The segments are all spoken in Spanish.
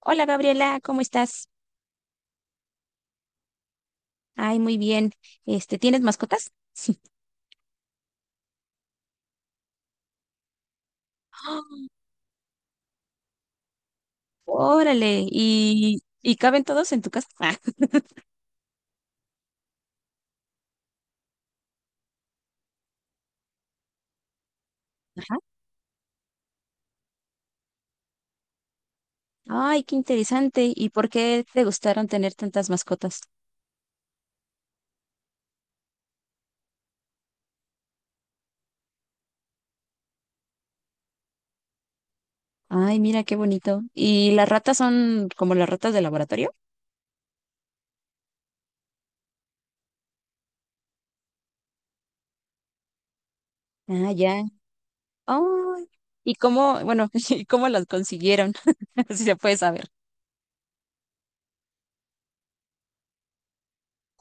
Hola Gabriela, ¿cómo estás? Ay, muy bien. Este, ¿tienes mascotas? ¡Ah! Órale, ¿y caben todos en tu casa? Ah, ajá. Ay, qué interesante. ¿Y por qué te gustaron tener tantas mascotas? Ay, mira qué bonito. ¿Y las ratas son como las ratas de laboratorio? Ah, ya. Ay, ¿y cómo, bueno, y cómo las consiguieron? Si se puede saber.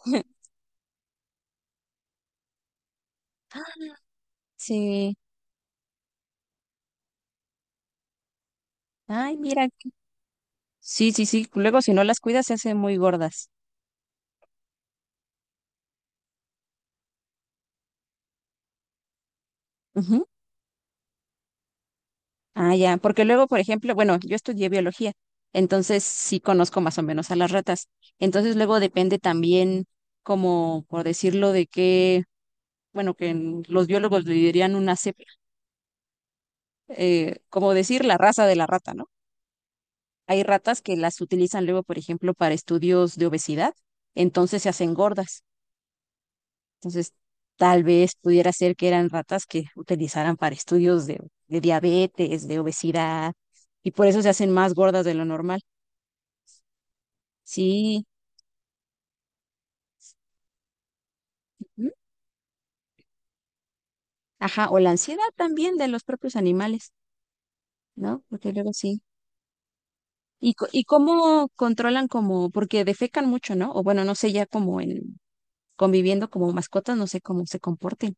Sí. Ay, mira. Sí, sí, sí. Luego, si no las cuidas, se hacen muy gordas. Ah, ya, porque luego, por ejemplo, bueno, yo estudié biología, entonces sí conozco más o menos a las ratas. Entonces luego depende también, como por decirlo, de qué, bueno, que los biólogos le dirían una cepa, como decir la raza de la rata, ¿no? Hay ratas que las utilizan luego, por ejemplo, para estudios de obesidad, entonces se hacen gordas. Entonces, tal vez pudiera ser que eran ratas que utilizaran para estudios de diabetes, de obesidad, y por eso se hacen más gordas de lo normal. Sí, ujú, ajá, o la ansiedad también de los propios animales, ¿no? Porque luego sí. Y, y cómo controlan como, porque defecan mucho, ¿no? O bueno, no sé, ya como en conviviendo como mascotas, no sé cómo se comporten.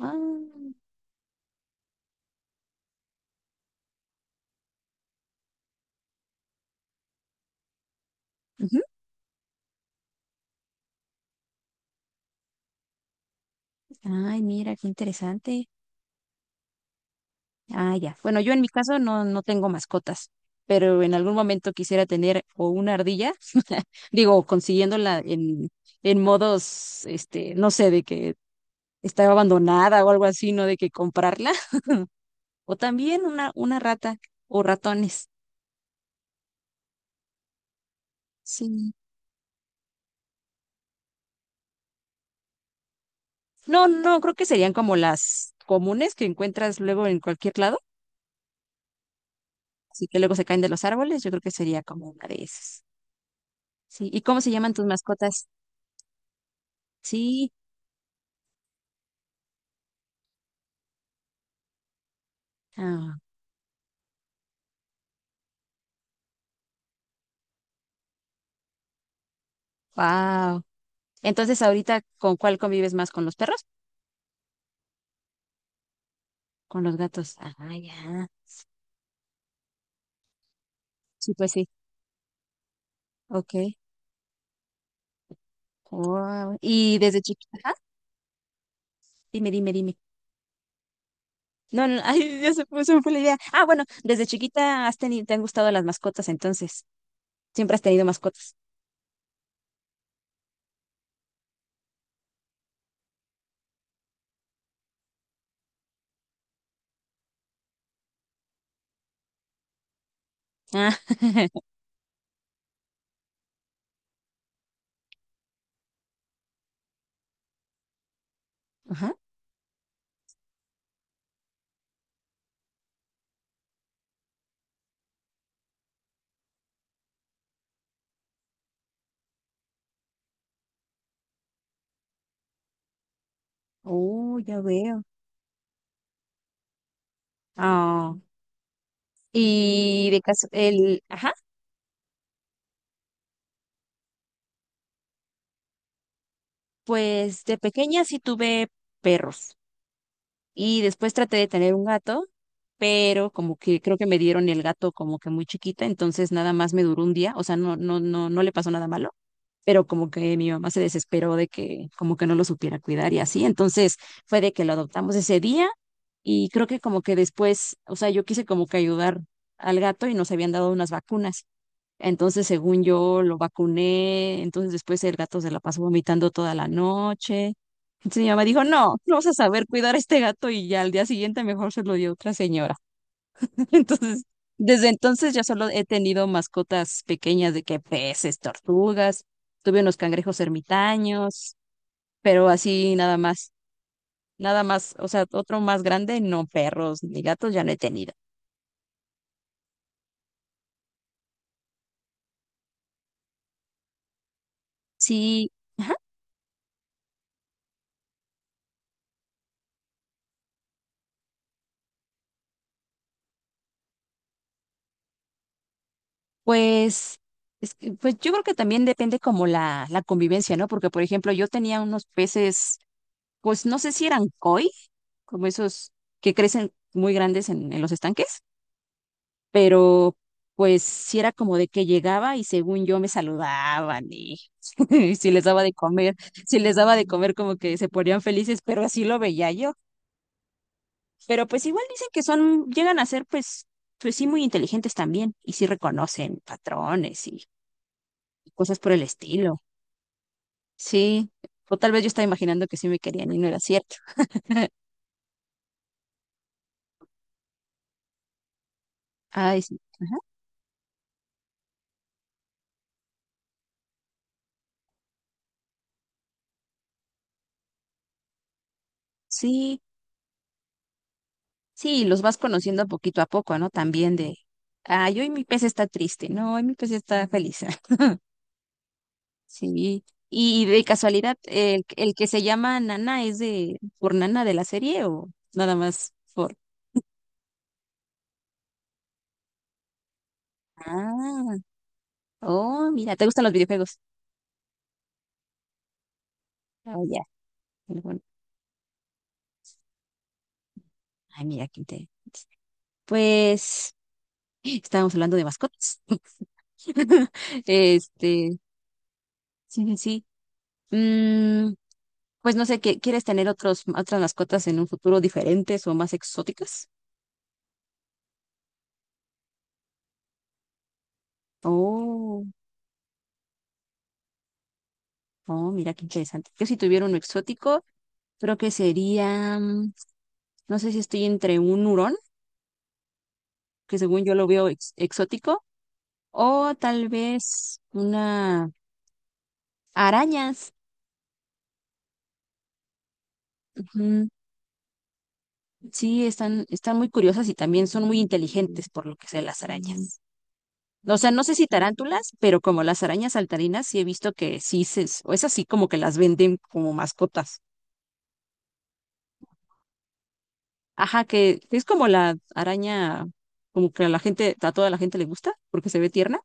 Ah, ujú. Ay, mira, qué interesante. Ah, ya. Bueno, yo en mi caso no, no tengo mascotas, pero en algún momento quisiera tener o una ardilla, digo, consiguiéndola en modos, este, no sé, de que estaba abandonada o algo así, ¿no? De que comprarla o también una rata o ratones. Sí. No, no, creo que serían como las comunes que encuentras luego en cualquier lado, así que luego se caen de los árboles, yo creo que sería como una de esas. Sí, ¿y cómo se llaman tus mascotas? Sí. Ah, wow. Entonces, ahorita, ¿con cuál convives más? ¿Con los perros? ¿Con los gatos? Ah, ya. Sí, pues sí. Ok. Wow. Y desde chiquita, ajá, dime, dime, dime. No, no, ay, se me fue la idea. Ah, bueno, desde chiquita has tenido, te han gustado las mascotas, entonces. Siempre has tenido mascotas. Ah, ajá. Oh, ya veo. Ah, y de caso, el, ajá, pues de pequeña sí tuve perros y después traté de tener un gato, pero como que creo que me dieron el gato como que muy chiquita, entonces nada más me duró un día, o sea, no, no, no, no le pasó nada malo, pero como que mi mamá se desesperó de que como que no lo supiera cuidar y así, entonces fue de que lo adoptamos ese día y creo que como que después, o sea, yo quise como que ayudar al gato y nos habían dado unas vacunas. Entonces, según yo, lo vacuné, entonces después el gato se la pasó vomitando toda la noche. Entonces mi mamá dijo, no, no vas a saber cuidar a este gato y ya al día siguiente mejor se lo dio otra señora. Entonces, desde entonces ya solo he tenido mascotas pequeñas de que peces, tortugas, tuve unos cangrejos ermitaños, pero así nada más, nada más, o sea, otro más grande, no perros ni gatos ya no he tenido. Sí, pues, es que, pues yo creo que también depende como la convivencia, ¿no? Porque, por ejemplo, yo tenía unos peces, pues no sé si eran koi, como esos que crecen muy grandes en los estanques pero pues sí era como de que llegaba y según yo me saludaban y y si les daba de comer, si les daba de comer como que se ponían felices, pero así lo veía yo. Pero pues igual dicen que son, llegan a ser pues, pues sí muy inteligentes también y sí reconocen patrones y cosas por el estilo. Sí, o tal vez yo estaba imaginando que sí me querían y no era cierto. Ay, sí, sí, sí, los vas conociendo poquito a poco, ¿no? También de, ay, hoy mi pez está triste, no, hoy mi pez está feliz. Sí. Y de casualidad, el que se llama Nana es de por Nana de la serie o nada más por? Ah, oh, mira, ¿te gustan los videojuegos? Oh, ya. Bueno, bueno. Ay, mira, qué interesante. Pues estábamos hablando de mascotas. Este, sí, sí, sí. Mm, pues no sé, ¿quieres tener otros, otras mascotas en un futuro diferentes o más exóticas? Oh, oh, mira qué interesante. Yo si tuviera uno exótico, creo que sería mm, no sé si estoy entre un hurón, que según yo lo veo exótico, o tal vez una arañas. Ujú. Sí, están, están muy curiosas y también son muy inteligentes por lo que sé las arañas. O sea, no sé si tarántulas, pero como las arañas saltarinas sí he visto que sí se, o es así como que las venden como mascotas. Ajá, que es como la araña, como que a la gente, a toda la gente le gusta porque se ve tierna,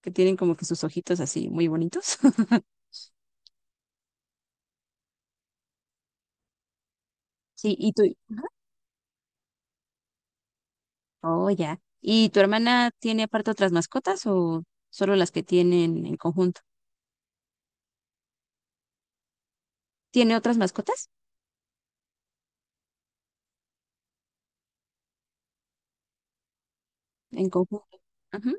que tienen como que sus ojitos así muy bonitos. Sí, ¿y tú, oh, ya. ¿Y tu hermana tiene aparte otras mascotas o solo las que tienen en conjunto? ¿Tiene otras mascotas en conjunto? Ajá.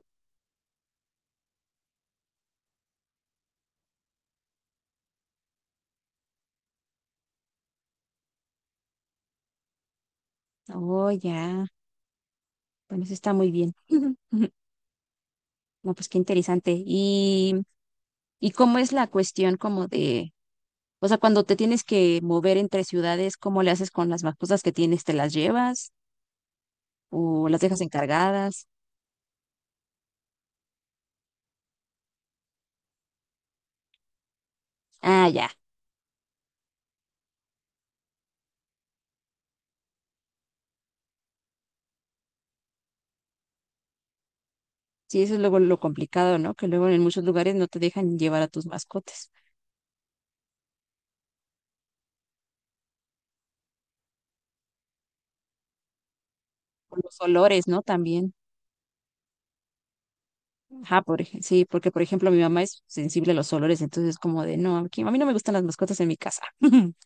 Oh, ya. Bueno, eso está muy bien. No, pues qué interesante. Y cómo es la cuestión como de, o sea, cuando te tienes que mover entre ciudades, ¿cómo le haces con las mascotas que tienes? ¿Te las llevas o las dejas encargadas? Ah, ya. Sí, eso es luego lo complicado, ¿no? Que luego en muchos lugares no te dejan llevar a tus mascotas. Con los olores, ¿no? También. Ajá, por, sí, porque por ejemplo mi mamá es sensible a los olores, entonces como de, no, aquí, a mí no me gustan las mascotas en mi casa.